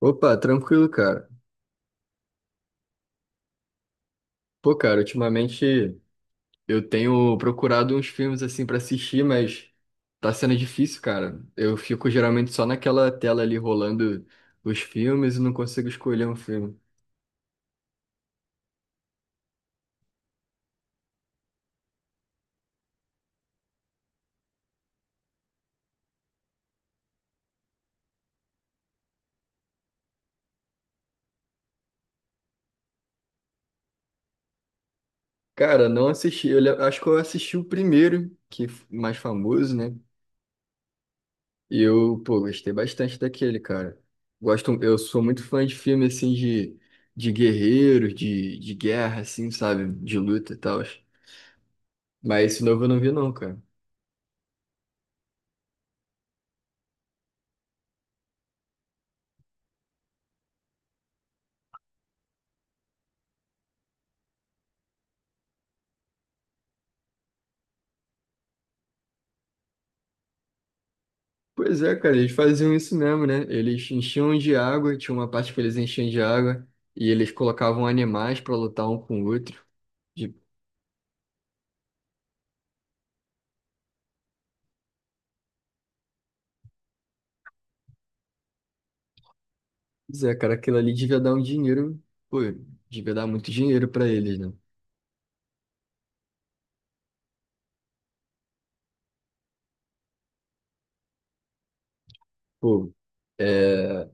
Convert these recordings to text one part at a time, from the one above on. Opa, tranquilo, cara. Pô, cara, ultimamente eu tenho procurado uns filmes assim pra assistir, mas tá sendo difícil, cara. Eu fico geralmente só naquela tela ali rolando os filmes e não consigo escolher um filme. Cara, não assisti. Eu acho que eu assisti o primeiro, que mais famoso, né? E eu, pô, gostei bastante daquele, cara. Gosto, eu sou muito fã de filme assim de, guerreiros, de guerra, assim, sabe? De luta e tal. Mas esse novo eu não vi, não, cara. Pois é, cara, eles faziam isso mesmo, né? Eles enchiam de água, tinha uma parte que eles enchiam de água e eles colocavam animais pra lutar um com o outro. De- Pois é, cara, aquilo ali devia dar um dinheiro, pô, devia dar muito dinheiro pra eles, né? Pô, é,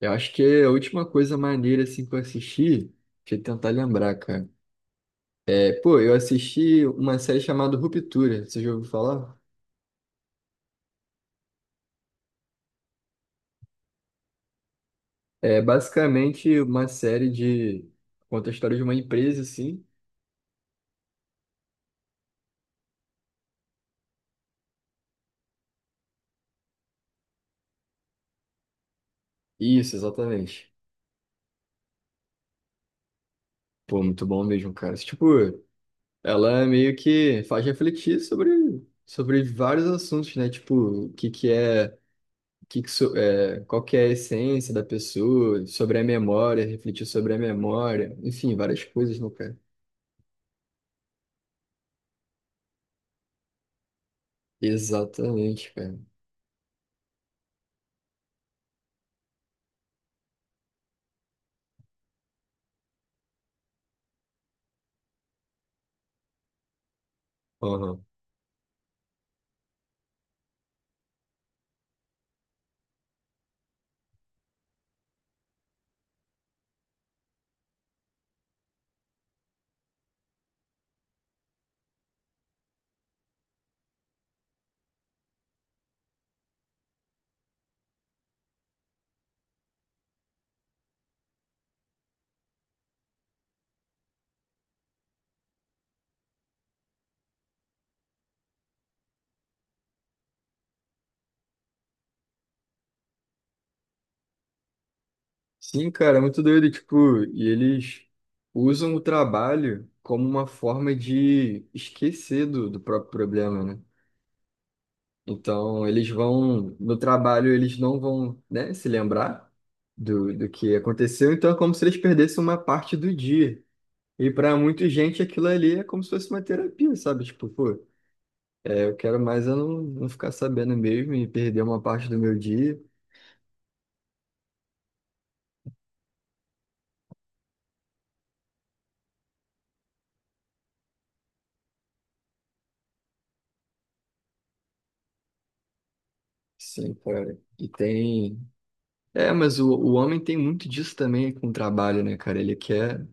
eu acho que é a última coisa maneira assim que eu assisti, deixa eu tentar lembrar, cara. É, pô, eu assisti uma série chamada Ruptura, você já ouviu falar? É basicamente uma série de conta a história de uma empresa, assim. Isso, exatamente. Pô, muito bom mesmo, cara. Tipo, ela meio que faz refletir sobre vários assuntos, né? Tipo, o que que é, o que que é, qual que é a essência da pessoa, sobre a memória, refletir sobre a memória, enfim, várias coisas, né, cara? Exatamente, cara. Aham. Sim, cara, é muito doido, tipo, e eles usam o trabalho como uma forma de esquecer do próprio problema, né? Então, eles vão, no trabalho, eles não vão, né, se lembrar do que aconteceu. Então, é como se eles perdessem uma parte do dia. E para muita gente, aquilo ali é como se fosse uma terapia, sabe? Tipo, pô, é, eu quero mais eu não ficar sabendo mesmo e perder uma parte do meu dia. Sim, cara. E tem. É, mas o homem tem muito disso também com o trabalho, né, cara? Ele quer.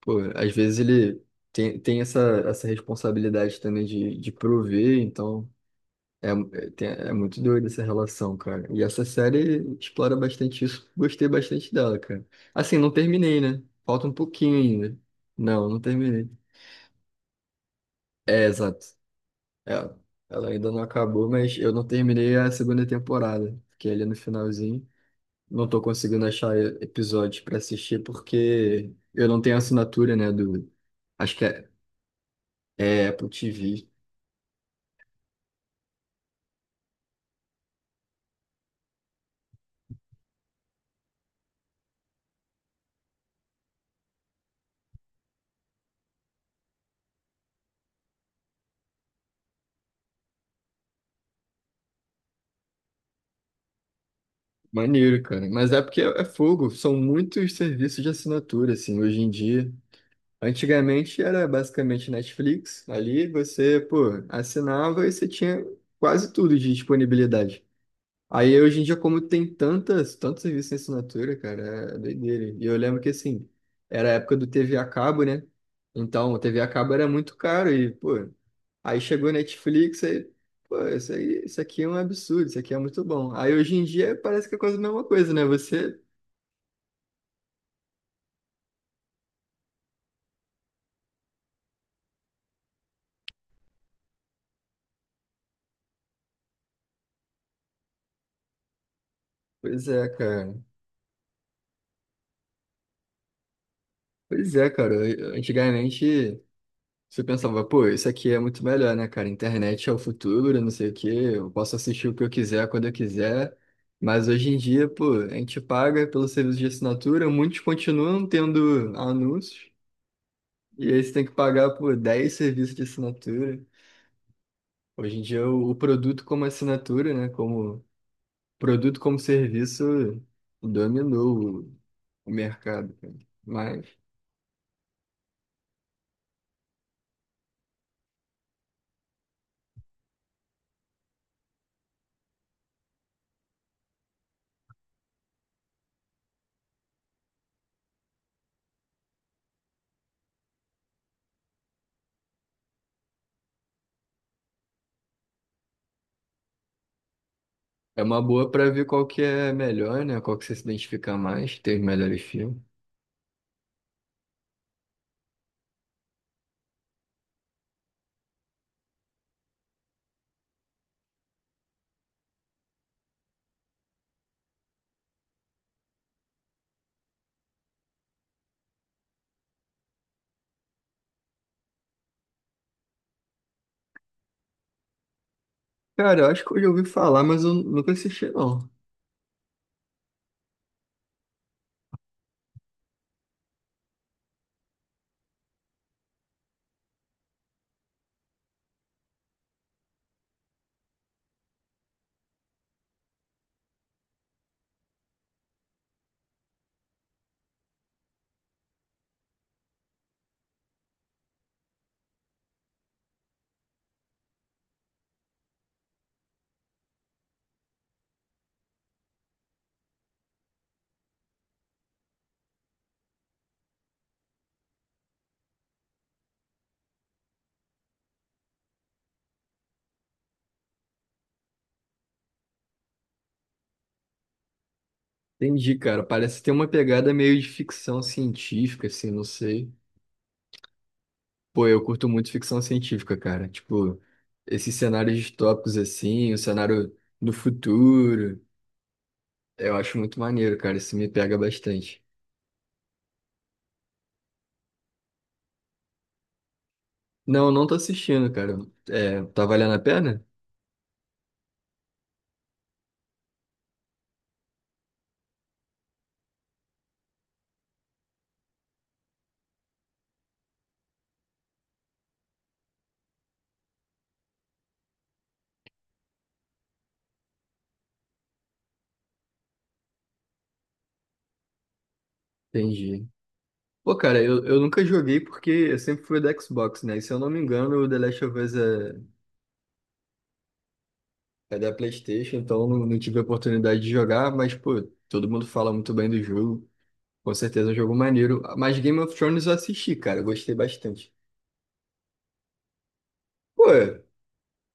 Pô, às vezes ele tem essa, responsabilidade também de prover, então. É muito doida essa relação, cara. E essa série explora bastante isso. Gostei bastante dela, cara. Assim, não terminei, né? Falta um pouquinho ainda. Não, não terminei. É, exato. É, ela ainda não acabou, mas eu não terminei a segunda temporada. Fiquei ali no finalzinho. Não tô conseguindo achar episódios pra assistir porque eu não tenho assinatura, né, do. Acho que é Apple TV. Maneiro, cara. Mas é porque é fogo. São muitos serviços de assinatura, assim, hoje em dia. Antigamente era basicamente Netflix, ali você, pô, assinava e você tinha quase tudo de disponibilidade. Aí hoje em dia, como tem tantos serviços em assinatura, cara, é doideira. E eu lembro que assim, era a época do TV a cabo, né? Então, o TV a cabo era muito caro e, pô, aí chegou Netflix, aí, pô, isso aí, isso aqui é um absurdo, isso aqui é muito bom. Aí hoje em dia parece que é quase a mesma coisa, né? Você, pois é, cara. Pois é, cara. Antigamente. Você pensava, pô, isso aqui é muito melhor, né, cara? Internet é o futuro, não sei o quê, eu posso assistir o que eu quiser quando eu quiser. Mas hoje em dia, pô, a gente paga pelo serviço de assinatura, muitos continuam tendo anúncios, e aí você tem que pagar por 10 serviços de assinatura. Hoje em dia, o produto como assinatura, né, como produto como serviço, dominou o mercado, cara. Mas é uma boa pra ver qual que é melhor, né, qual que você se identifica mais, tem os melhores filmes. Cara, eu acho que eu já ouvi falar, mas eu nunca assisti, não. Entendi, cara. Parece ter uma pegada meio de ficção científica, assim, não sei. Pô, eu curto muito ficção científica, cara. Tipo, esses cenários distópicos, assim, o cenário do futuro. Eu acho muito maneiro, cara. Isso me pega bastante. Não, não tô assistindo, cara. É, tá valendo a pena? Entendi. Pô, cara, eu nunca joguei porque eu sempre fui do Xbox, né? E se eu não me engano, o The Last of Us é da PlayStation, então não, não tive a oportunidade de jogar, mas, pô, todo mundo fala muito bem do jogo. Com certeza é um jogo maneiro. Mas Game of Thrones eu assisti, cara, eu gostei bastante. Pô,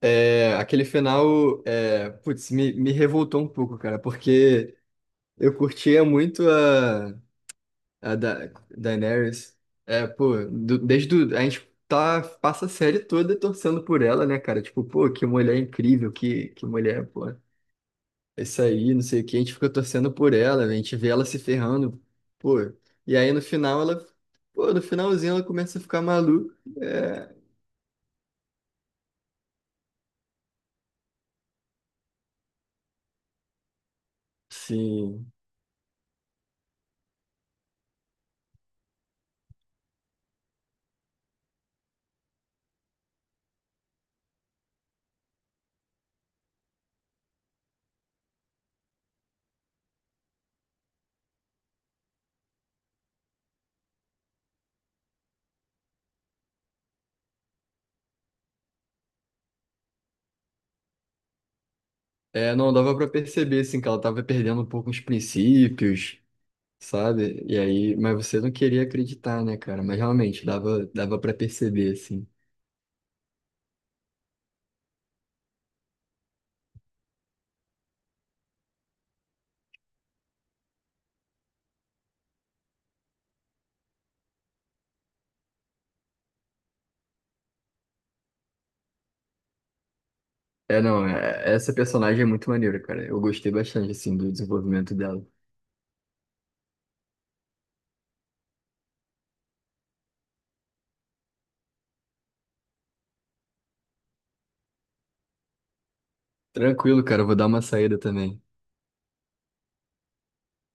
é, aquele final, é, putz, me revoltou um pouco, cara, porque eu curtia muito a, da, Daenerys. É, pô, desde o, a gente tá, passa a série toda torcendo por ela, né, cara? Tipo, pô, que mulher incrível, que mulher, pô. É isso aí, não sei o que, a gente fica torcendo por ela, a gente vê ela se ferrando, pô. E aí no final ela, pô, no finalzinho ela começa a ficar maluca. É, sim. É, não dava pra perceber, assim, que ela tava perdendo um pouco os princípios, sabe? E aí, mas você não queria acreditar, né, cara? Mas realmente dava para perceber, assim. É, não, essa personagem é muito maneira, cara. Eu gostei bastante, assim, do desenvolvimento dela. Tranquilo, cara, eu vou dar uma saída também.